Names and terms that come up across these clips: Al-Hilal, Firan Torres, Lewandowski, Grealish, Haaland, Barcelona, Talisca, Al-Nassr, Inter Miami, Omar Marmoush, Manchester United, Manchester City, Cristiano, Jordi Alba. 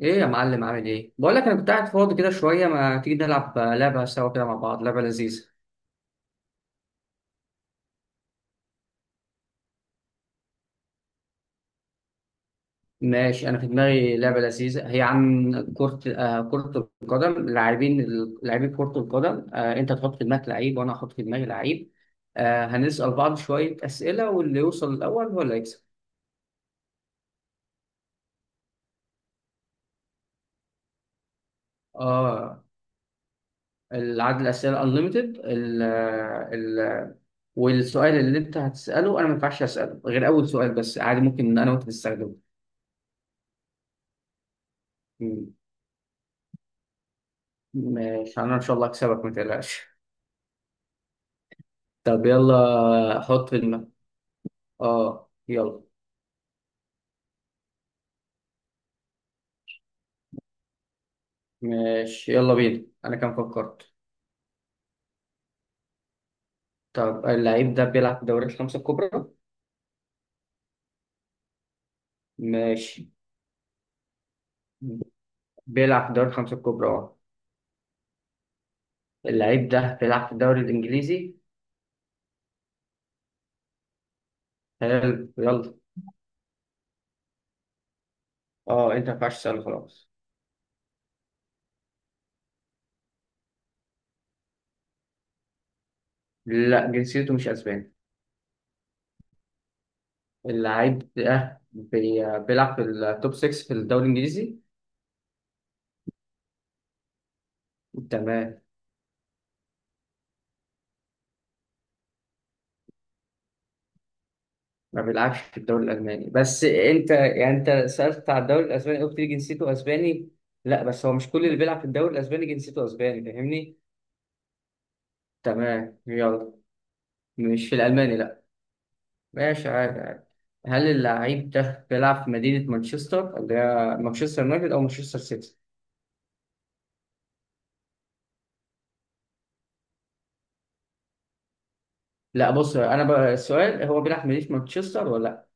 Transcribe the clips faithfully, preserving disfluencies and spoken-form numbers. ايه يا معلم عامل ايه؟ بقول لك انا كنت قاعد فاضي كده شويه، ما تيجي نلعب لعبه سوا كده مع بعض، لعبه لذيذه. ماشي، انا في دماغي لعبه لذيذه، هي عن كره آه كره القدم، لاعبين لاعبين كره القدم. آه انت تحط في دماغك لعيب وانا احط في دماغي لعيب. آه هنسال بعض شويه اسئله، واللي يوصل الاول هو اللي يكسب. اه، العدد الاسئله انليمتد. ال ال والسؤال اللي انت هتساله انا ما ينفعش اساله غير اول سؤال، بس عادي ممكن انا وانت نستخدمه. ماشي، انا ان شاء الله اكسبك ما تقلقش. طب يلا حط في دماغك. اه يلا. ماشي يلا بينا، انا كان فكرت. طب اللعيب ده بيلعب في الدوريات الخمسة الكبرى؟ ماشي، بيلعب في الدوري الخمسة الكبرى اه. اللعيب ده بيلعب في الدوري الانجليزي؟ حلو يلا. اه، انت ما ينفعش تسأله خلاص. لا، جنسيته مش اسباني. اللعيب ده بي- بيلعب في التوب ستة في الدوري الانجليزي. تمام. ما بيلعبش في الدوري الألماني، بس أنت يعني أنت سألت على الدوري الأسباني قلت لي جنسيته أسباني. لا بس هو مش كل اللي بيلعب في الدوري الأسباني جنسيته أسباني، فاهمني؟ تمام يلا. مش في الألماني لا. ماشي، عادي عادي. هل اللعيب ده بيلعب في مدينة مانشستر، اللي هي مانشستر يونايتد أو مانشستر سيتي؟ لا بص، أنا بقى السؤال هو بيلعب في مدينة مانشستر ولا لا؟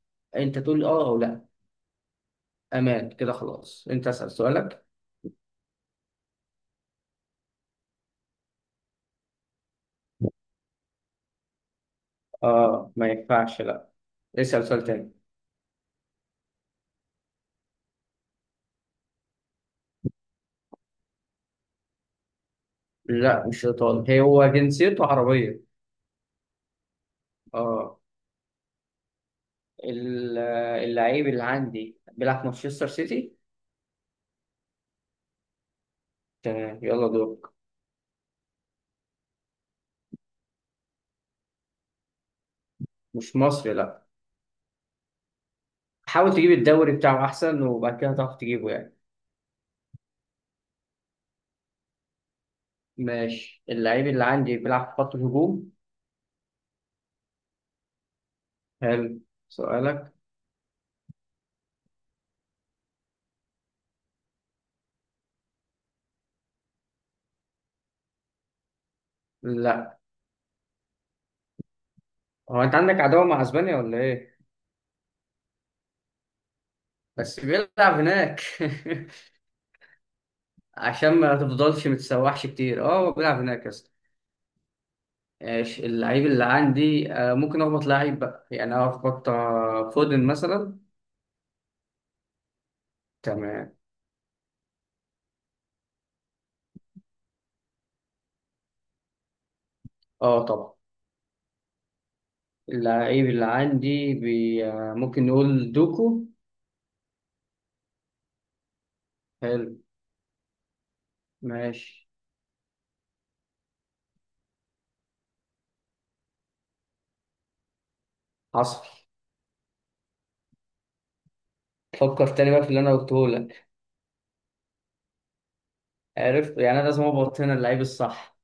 أنت تقول لي أه أو لا. أمان كده خلاص، أنت اسأل سؤالك. أه ما ينفعش لا. اسأل سؤال تاني. لا مش ايطالي، هو جنسيته عربية. اه. ال- اللعيب اللي عندي بيلعب في مانشستر سيتي. تمام يلا دورك. مش مصري لا. حاول تجيب الدوري بتاعه احسن، وبعد كده هتعرف تجيبه يعني. ماشي، اللعيب اللي عندي بيلعب في خط الهجوم. حلو. سؤالك. لا. هو انت عندك عداوة مع اسبانيا ولا ايه؟ بس بيلعب هناك عشان ما تفضلش متسوحش كتير، اه هو بيلعب هناك يا اسطى. ماشي، اللعيب اللي عندي، آه، ممكن اخبط لعيب بقى، يعني انا اخبط آه، فودن مثلا. تمام. اه طبعا. اللعيب اللي عندي بي... آه، ممكن نقول دوكو. حلو ماشي. حصل. فكر تاني بقى في اللي انا قلته لك. عرفت، يعني انا لازم اخبط هنا اللعيب الصح.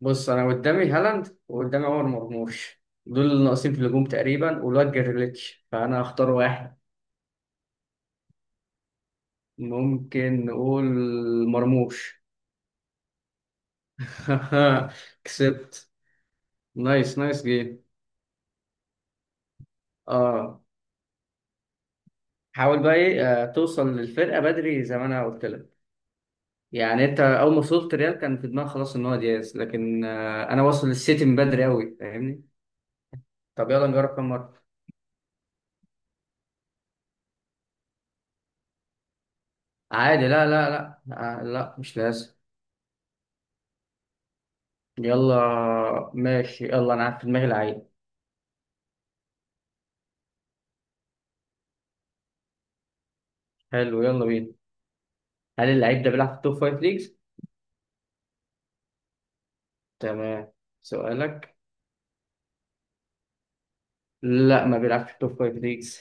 بص انا قدامي هالاند وقدامي عمر مرموش، دول اللي ناقصين في الهجوم تقريبا، والواد جريليتش، فانا هختار واحد. ممكن نقول مرموش. كسبت. نايس، نايس جيم. اه. حاول بقى ايه، آه، توصل للفرقه بدري زي ما انا قلت لك. يعني انت اول ما وصلت ريال كان في دماغك خلاص ان هو دياز، لكن آه، انا واصل للسيتي من بدري قوي، فاهمني؟ طب يلا نجرب كام مره. عادي لا لا لا. آه لا مش لازم. يلا ماشي يلا، انا عارف في دماغي لعيب. حلو يلا بينا. هل اللعيب ده بيلعب في التوب فايف ليجز؟ تمام سؤالك. لا ما بيلعبش في التوب فايف ليجز.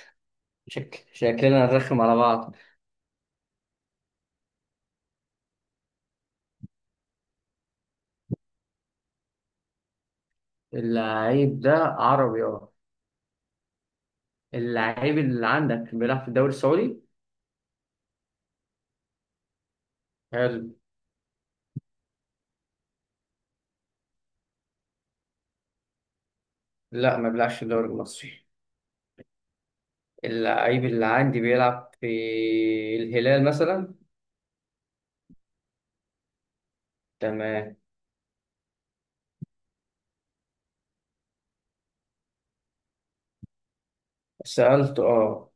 شكل شكلنا نرخم على بعض. اللعيب ده عربي اه. اللعيب اللي عندك بيلعب في الدوري السعودي؟ حلو. لا ما بيلعبش في الدوري المصري. اللعيب اللي عندي بيلعب في الهلال مثلا؟ تمام. سألت اه.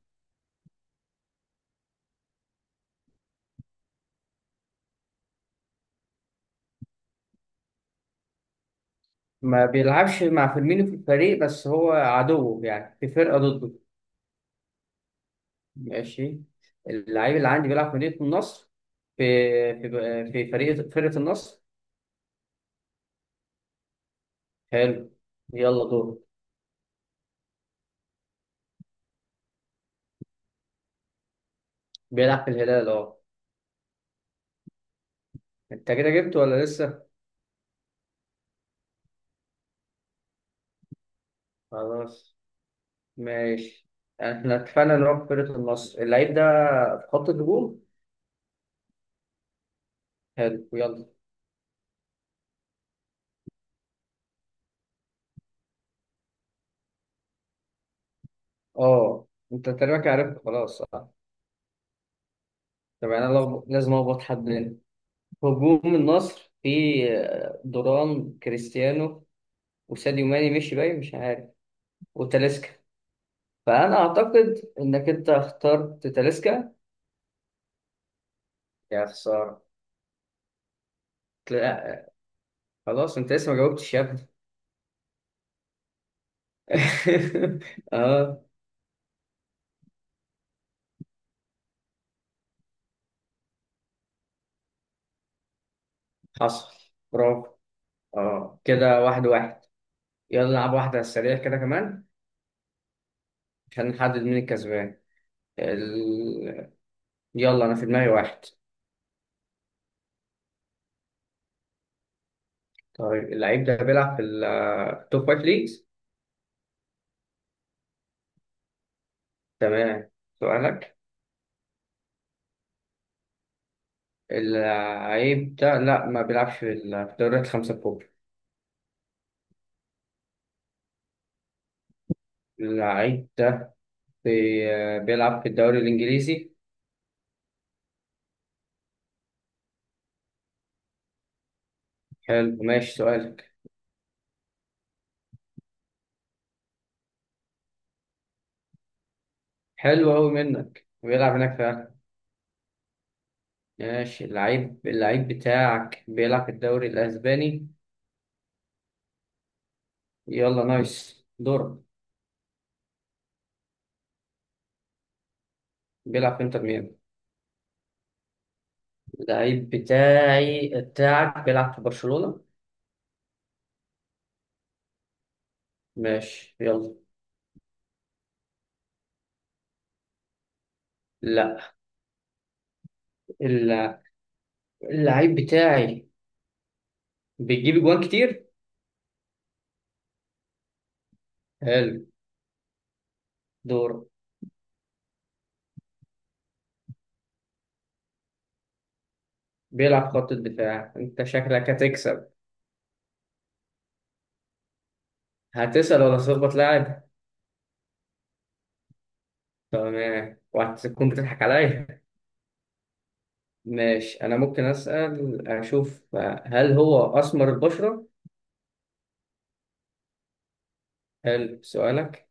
ما بيلعبش مع فيرمينو في الفريق، بس هو عدوه يعني في فرقة ضده. ماشي، اللعيب اللي عندي بيلعب في مدينة النصر، في في في فريق فرقة النصر. حلو يلا دور. بيلعب في الهلال اه. انت كده جبته ولا لسه؟ خلاص ماشي. احنا اتفقنا ان هو في فرقة النصر، اللعيب ده في خط الهجوم. حلو يلا. اه انت تقريبا عرفت خلاص صح. طب يعني انا لغ- لازم اخبط حد منه. هجوم النصر في آه، دوران كريستيانو وساديو ماني مشي باين مش عارف وتاليسكا، فانا اعتقد انك انت اخترت تاليسكا. يا خسارة. لا. خلاص انت لسه ما جاوبتش يا ابني. اه حصل. برافو. اه كده واحد واحد. يلا نلعب واحدة على السريع كده كمان، عشان نحدد مين الكسبان. ال... يلا أنا في دماغي واحد. طيب اللعيب ده بيلعب في ال- في التوب فايف ليجز؟ تمام سؤالك. اللعيب ده لا ما بيلعبش في ال- في الدوريات الخمسة الكبرى. اللعيب ده بي... بيلعب في الدوري الإنجليزي. حلو ماشي سؤالك. حلو أوي منك، بيلعب هناك فعلا. ماشي، اللعيب اللعيب بتاعك بيلعب في الدوري الأسباني. يلا نايس دور. بيلعب في انتر ميامي. اللعيب بتاعي بتاعك بيلعب في برشلونة. ماشي يلا. لا. الل- اللعيب بتاعي بيجيب جوان كتير. حلو دور. بيلعب خط الدفاع، انت شكلك هتكسب. هتسأل ولا تخبط لاعب؟ تمام، وهتكون بتضحك عليا. ماشي انا ممكن أسأل اشوف. هل هو اسمر البشرة؟ حلو سؤالك.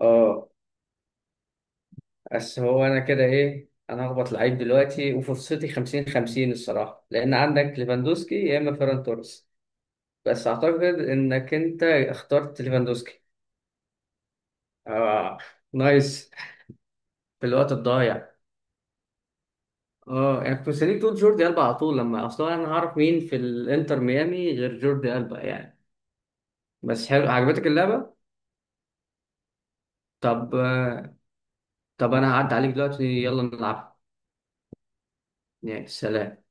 اه. بس هو انا كده ايه، انا هخبط لعيب دلوقتي وفرصتي خمسين خمسين الصراحه، لان عندك ليفاندوسكي يا اما فيران توريس. بس اعتقد انك انت اخترت ليفاندوسكي. اه نايس. في الوقت الضايع. اه انا يعني كنت مستنيك تقول جوردي البا على طول، لما اصلا انا هعرف مين في الانتر ميامي غير جوردي البا يعني. بس حلو، عجبتك اللعبه. طب آه، طب انا هعدي عليك دلوقتي يلا نلعب. يعني سلام.